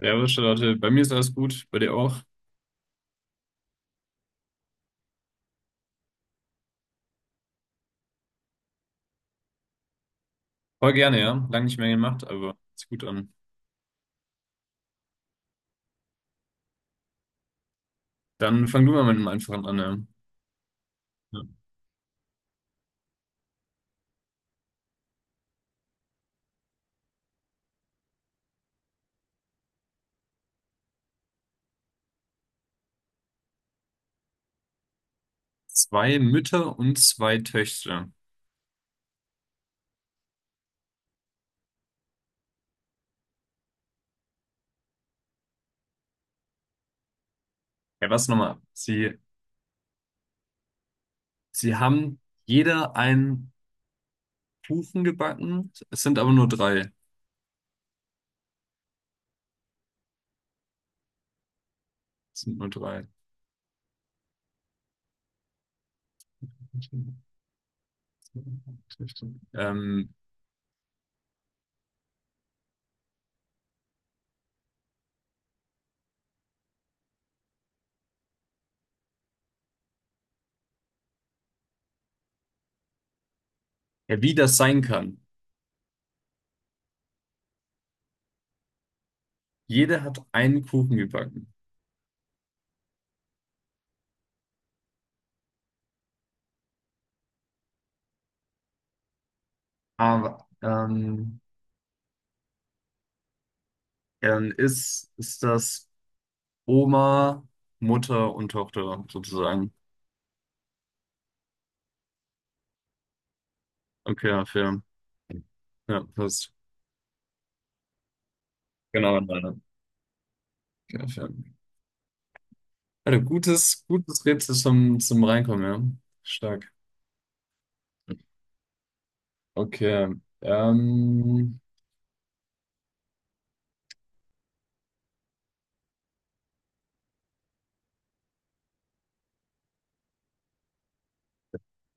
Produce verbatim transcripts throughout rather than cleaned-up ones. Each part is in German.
Servus, Charlotte. Bei mir ist alles gut, bei dir auch. Voll gerne, ja. Lange nicht mehr gemacht, aber ist gut an. Dann fang du mal mit einem einfachen an. Ja. Ja. Zwei Mütter und zwei Töchter. Ja, was nochmal? Sie, sie haben jeder einen Kuchen gebacken. Es sind aber nur drei. Es sind nur drei. Ähm, ja, wie das sein kann. Jeder hat einen Kuchen gebacken. Aber ähm, dann ist, ist das. Oma, Mutter und Tochter sozusagen. Okay, ja, fair. Ja, passt. Genau, nein. Okay, fair. Also gutes, gutes Rätsel zum, zum Reinkommen, ja. Stark. Okay. Ähm,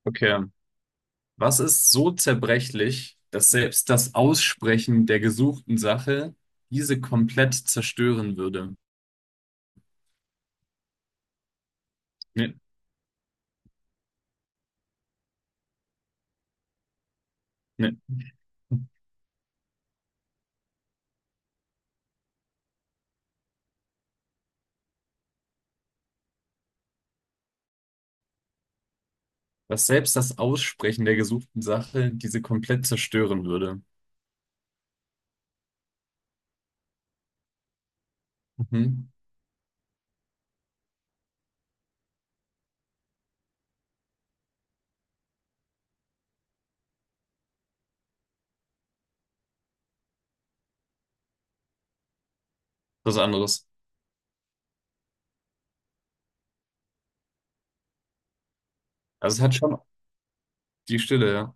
okay. Was ist so zerbrechlich, dass selbst das Aussprechen der gesuchten Sache diese komplett zerstören würde? Nee, nee. Dass selbst das Aussprechen der gesuchten Sache diese komplett zerstören würde. Mhm. Was anderes. Also es hat schon die Stille, ja.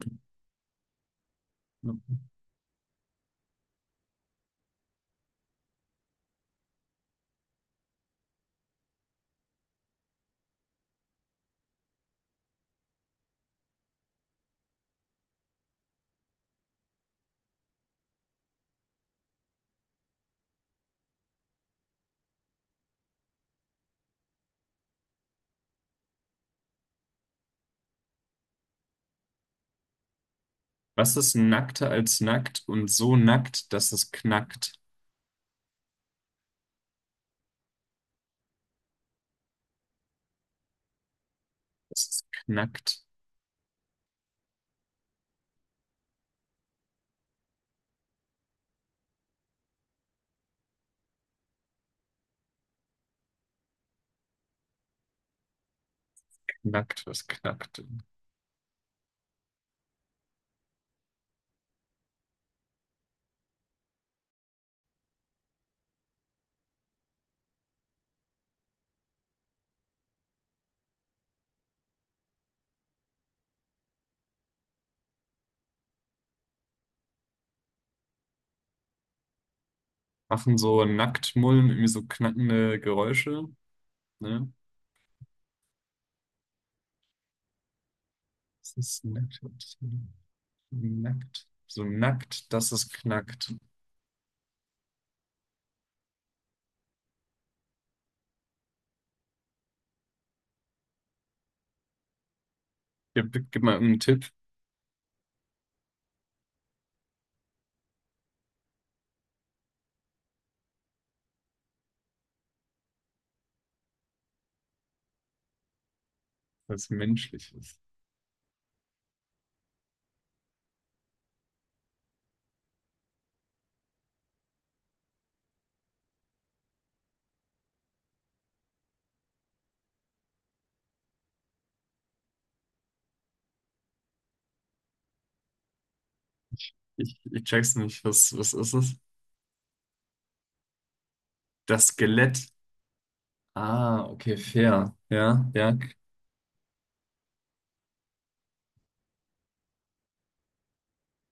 Was ist nackter als nackt und so nackt, dass es knackt? Es ist knackt, knackt, was knackt denn? Machen so Nacktmullen irgendwie so knackende Geräusche, ne? Es ist nackt, nackt, so nackt, dass es knackt. Gib, gib mal irgendeinen Tipp, was menschlich ist. Ich, ich check's nicht, was, was ist es? Das Skelett. Ah, okay, fair. Ja, ja,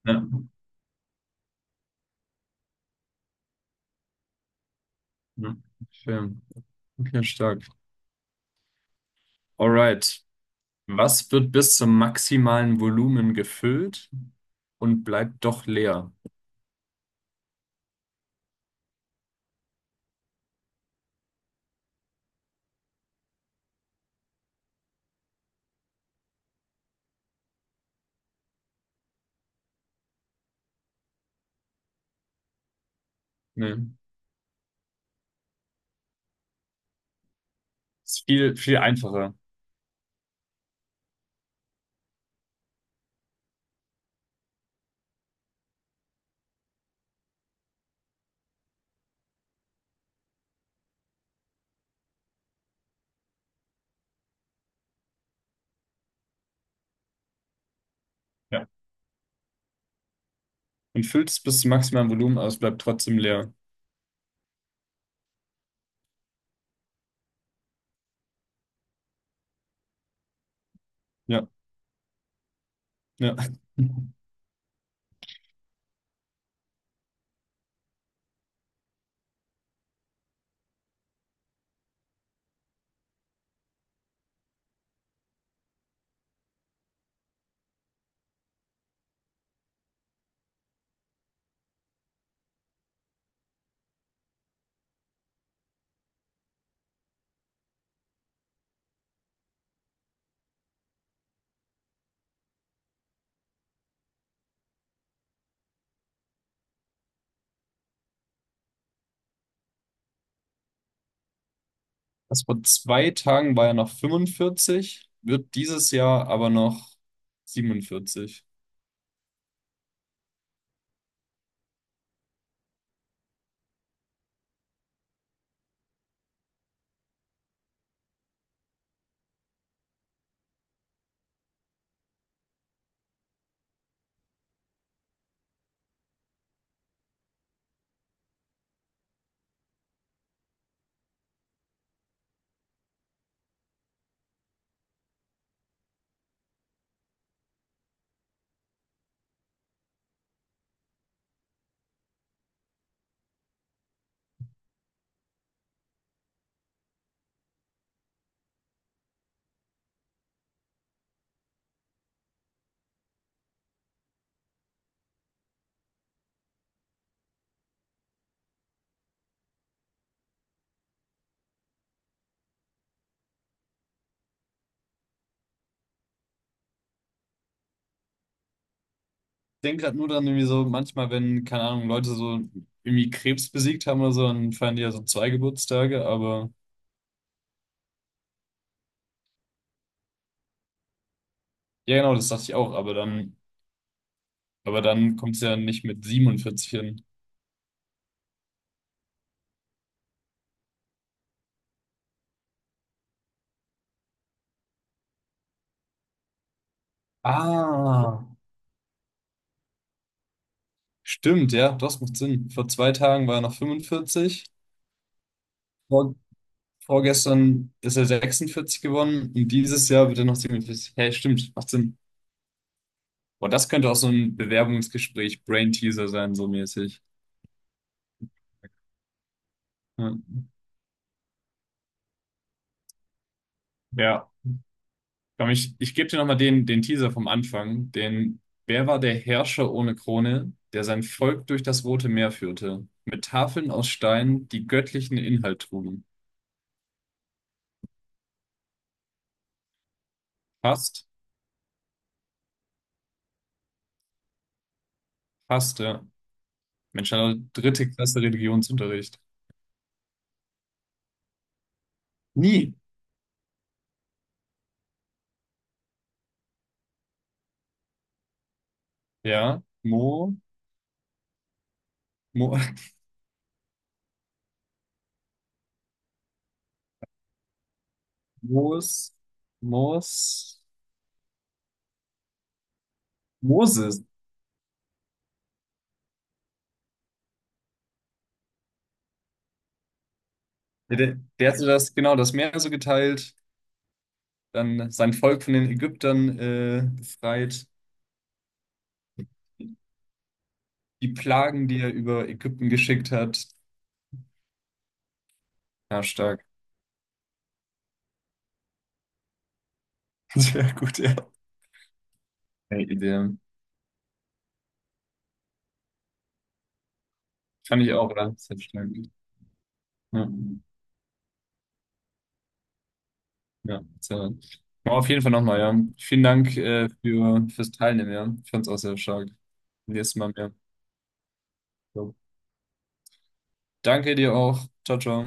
ja. Ja. Fair. Okay, stark. Alright. Was wird bis zum maximalen Volumen gefüllt und bleibt doch leer? Nee. Ist viel, viel einfacher. Ja. Man füllt es bis zum maximalen Volumen, aber es bleibt trotzdem leer. Ja, ja. Das vor zwei Tagen war ja noch fünfundvierzig, wird dieses Jahr aber noch siebenundvierzig. Ich denke gerade nur dann irgendwie so, manchmal, wenn, keine Ahnung, Leute so irgendwie Krebs besiegt haben oder so, dann feiern die ja so zwei Geburtstage, aber ja, genau, das dachte ich auch. Aber dann Aber dann kommt es ja nicht mit siebenundvierzig hin. Ah, stimmt, ja, das macht Sinn. Vor zwei Tagen war er noch fünfundvierzig, vor, vorgestern ist er sechsundvierzig gewonnen und dieses Jahr wird er noch siebenundvierzig. Hey, stimmt, macht Sinn. Boah, das könnte auch so ein Bewerbungsgespräch, Brain-Teaser sein, so mäßig. Ja, ja. Komm, ich, ich gebe dir nochmal den, den Teaser vom Anfang. Den, wer war der Herrscher ohne Krone, der sein Volk durch das Rote Meer führte, mit Tafeln aus Stein, die göttlichen Inhalt trugen? Fast, fast, ja. Mensch, eine dritte Klasse Religionsunterricht. Nie. Ja. Mo, Mo, Mos, Mos, Moses. Der, der der hatte das, genau, das Meer so geteilt, dann sein Volk von den Ägyptern äh, befreit, die Plagen, die er über Ägypten geschickt hat. Ja, stark. Sehr gut, ja. Hey, Idee. Fand ich auch, oder? Sehr stark. Ja. Ja, sehr. Aber auf jeden Fall nochmal, ja. Vielen Dank äh, für, fürs Teilnehmen, ja. Ich fand's auch sehr stark. Nächstes Mal mehr. Jo. Danke dir auch. Ciao, ciao.